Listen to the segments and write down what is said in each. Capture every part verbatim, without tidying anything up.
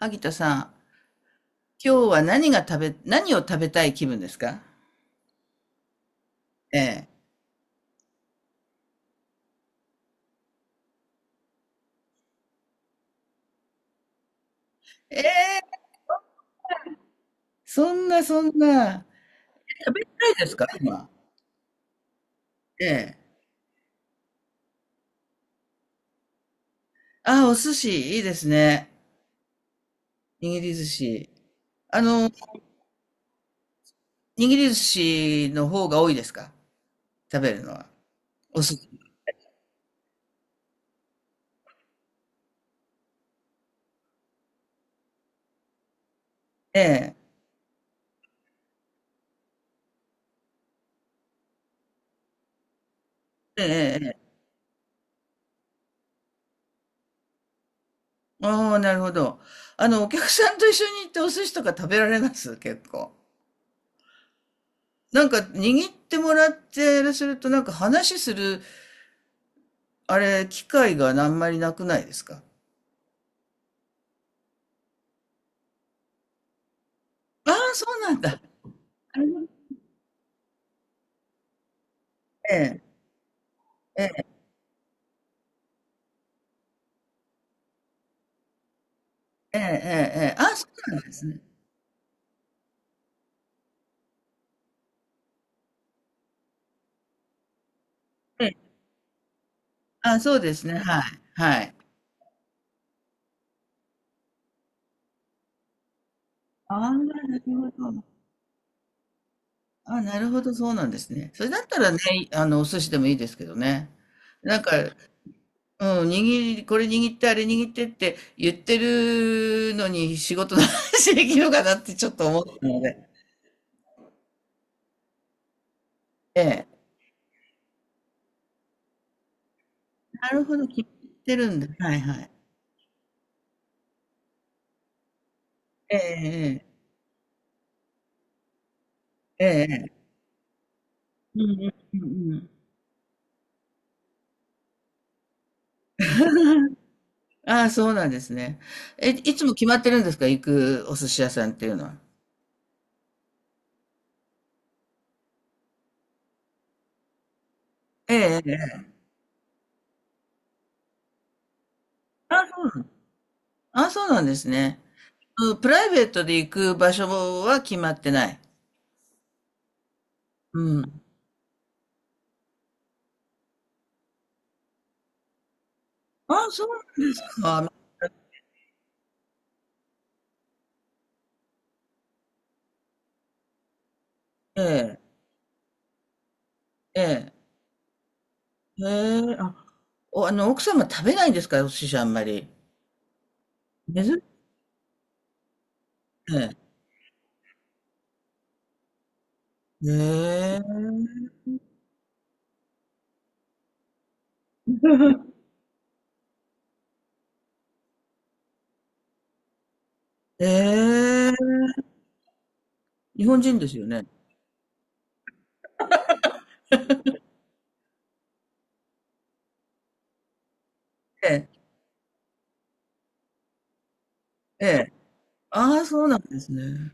萩田さん、今日は何が食べ、何を食べたい気分ですか？ええ。ええ、そんなそんな。食べたいですか今？ええ。ああ、お寿司、いいですね。握り寿司。あの、握り寿司の方が多いですか？食べるのは。お寿司。ええ。ええ、ええ。ああ、なるほど。あの、お客さんと一緒に行ってお寿司とか食べられます結構。なんか、握ってもらってすると、なんか話するあれ、機会があんまりなくないですか？ああ、そうなんだ。あれええ、ええ、ええ、ええ、ああ、そうなんですね。ええ、ああ、そうですね。はい、はい。ああ、なるほど。ああ、なるほど、そうなんですね。それだったらね、あの、お寿司でもいいですけどね。なんか、うん、握り、これ握って、あれ握ってって言ってるのに仕事の話できるかなってちょっと思ったので。ええ。なるほど、聞いてるんだ。はいはい。ええ、ええ、ええ。うんうんうんうん。ああ、そうなんですね。え、いつも決まってるんですか？行くお寿司屋さんっていうのは。ええ、ええ。ああ、そうなん、ああ、そうなんですね。うん。プライベートで行く場所は決まってない。うん。ああ、そうなんだ。ええ、ええ、ええ、あ、お、あの、奥様食べないんですかお寿司あんまり？珍しいね。ええ、ええ、ええ、日本人ですよね。ええ、ええ、ああ、そうなんですね。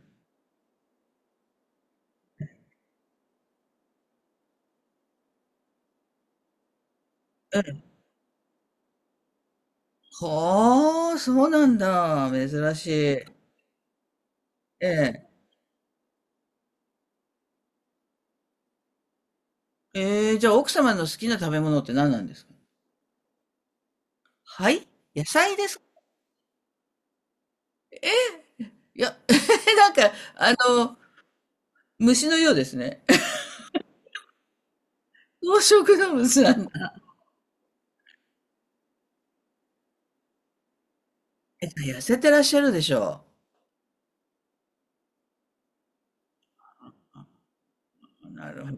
はあ、そうなんだ。珍しい。ええ。ええ、じゃあ奥様の好きな食べ物って何なんですか？はい。野菜ですか？いや、なんか、あの、虫のようですね。草食の虫なんだ。えっと、痩せてらっしゃるでしょう。なるほど。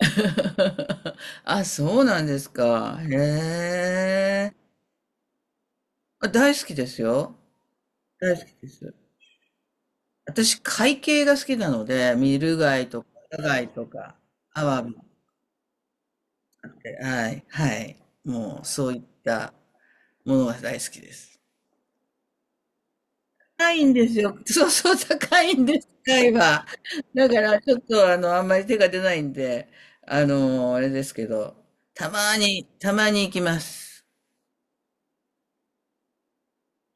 あ、そうなんですか。へえ。あ、大好きですよ。大好きです。私、海系が好きなので、ミル貝とか、タ貝とか、アワビ。はい、はい。もう、そういったものが大好きです。高いんですよ。そうそう、高いんです、高いは。だから、ちょっと、あの、あんまり手が出ないんで、あの、あれですけど、たまに、たまに行きます。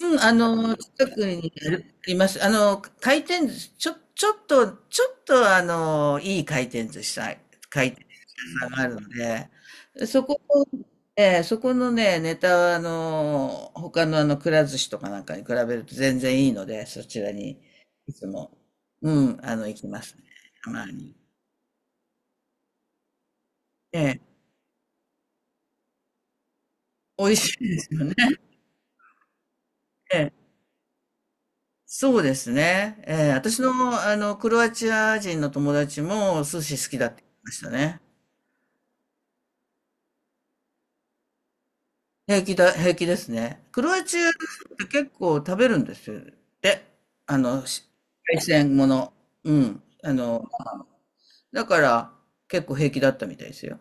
うん、あの、近くにあるあります。あの、回転寿司、ちょ、ちょっと、ちょっと、あの、いい回転寿司さん、回転寿司屋さんがあるので、そこのね、えーそこのね、ネタは、あの、他のあの、くら寿司とかなんかに比べると全然いいので、そちらに、いつも、うん、あの、行きますね。たまに。ええ、美味しいですよね。ええ、そうですね。ええ、私の、あの、クロアチア人の友達も、寿司好きだって言ってましたね。平気だ、平気ですね。クロアチアって結構食べるんですよ。で、あの、し海鮮もの。うん。あの、だから結構平気だったみたいですよ。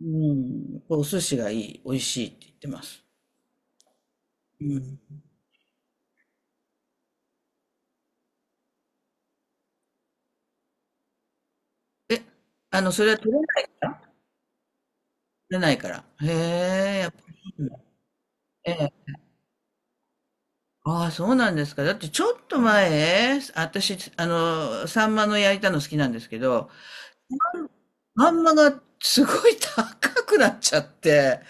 うん。お寿司がいい、美味しいって言ってます。うん。え、あの、それは取れないから取れないから。へえ、やっぱりいいんだ。ええ。ああ、そうなんですか。だってちょっと前、私、あの、サンマの焼いたの好きなんですけど、サンマがすごい高くなっちゃって、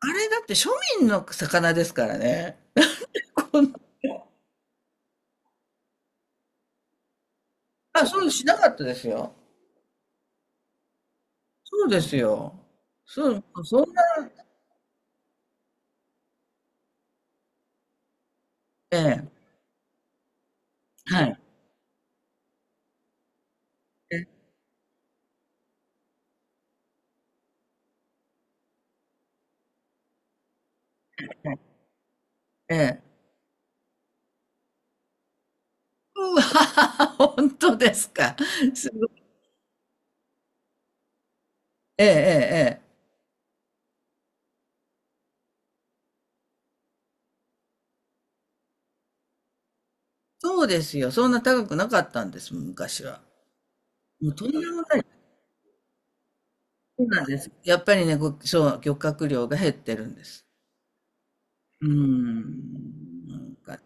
あれだって庶民の魚ですからね。こんな、あ、そうしなかったですよ。そうですよ。そう、そんな、ええ、はい。ええ、ええ。うわ、本当ですか。すごい。ええ、ええ、ええ。そうですよ。そんな高くなかったんです、昔は。もうとんでもない。そうなんです。やっぱりね、こうそう、漁獲量が減ってるんです。うーん。なんか、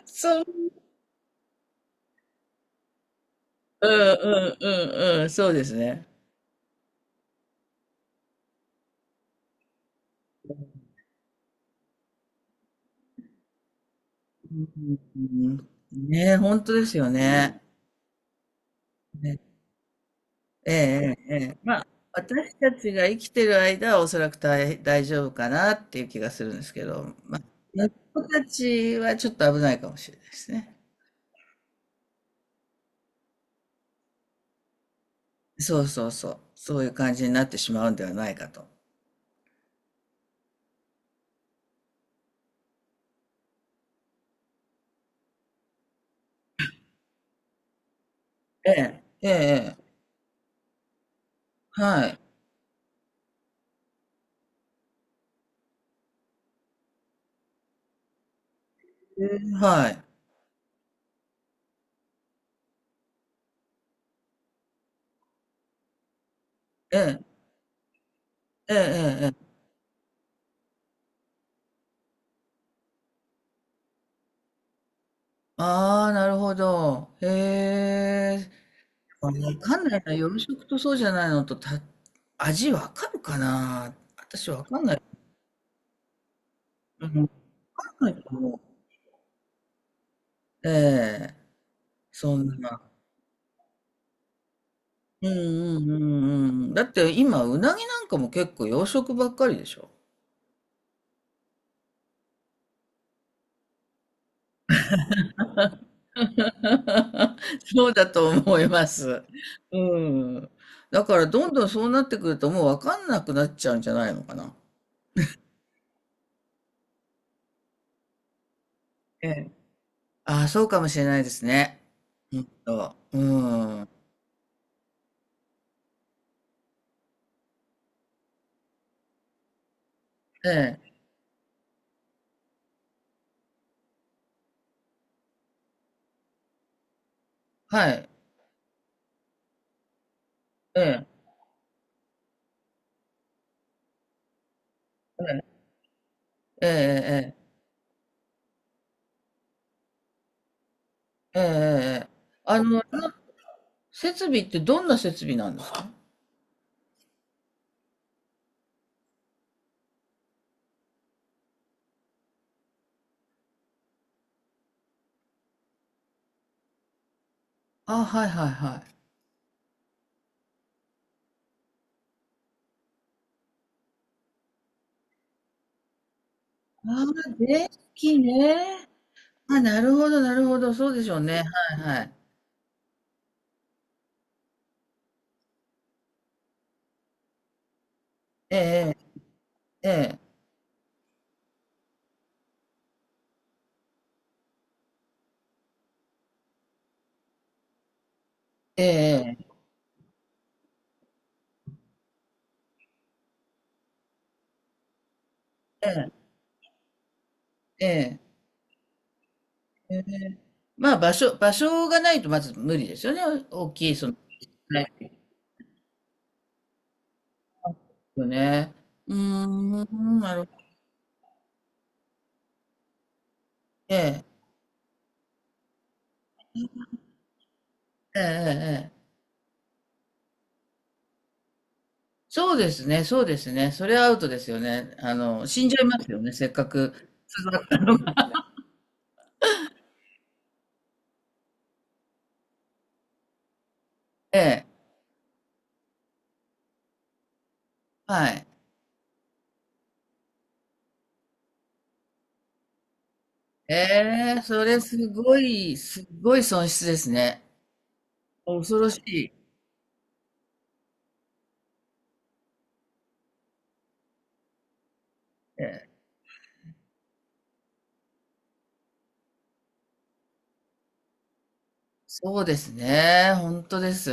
そう、うんうんうんうん、そうですね。うん、ねえ、本当ですよね。ねええ、ええ、私たちが生きてる間はおそらく大、大丈夫かなっていう気がするんですけど、まあ、子たちはちょっと危ないかもしれないですね。そうそうそう、そういう感じになってしまうんではないかと。ええ、ええ、ええ、はい、ええ、はい、ええ、ええ、ええ、ああー、なるほど。へえ、あのわかんないな、夜食とそうじゃないのとた、味わかるかな私わかんない。うん、わかんないと思う。ええ、そんな。うんうんうんうん。だって今、うなぎなんかも結構洋食ばっかりでしょ そうだと思います。うん。だからどんどんそうなってくるともうわかんなくなっちゃうんじゃないのかな。ええ。ああ、そうかもしれないですね。うんと。うん。ええ。はい。ええ。ええ、ええ、ええ、ええ、ええ、ええ、あの、な設備ってどんな設備なんですか？あ、はいはいはい。ああ、電気ね。あ、なるほど、なるほど、そうでしょうね。はいはい。ええ、ええ、ええ、ええ、ええ、ええ、まあ、場所、場所がないとまず無理ですよね。大きい、その、ないですよね。うーん、なるほど。ええ、ええ。ええ、そうですね、そうですね。それはアウトですよね。あの、死んじゃいますよね、せっかく育ったのが。ええ、はい。ええ、それすごい、すごい損失ですね。恐ろしい。ええ、そうですね、本当です。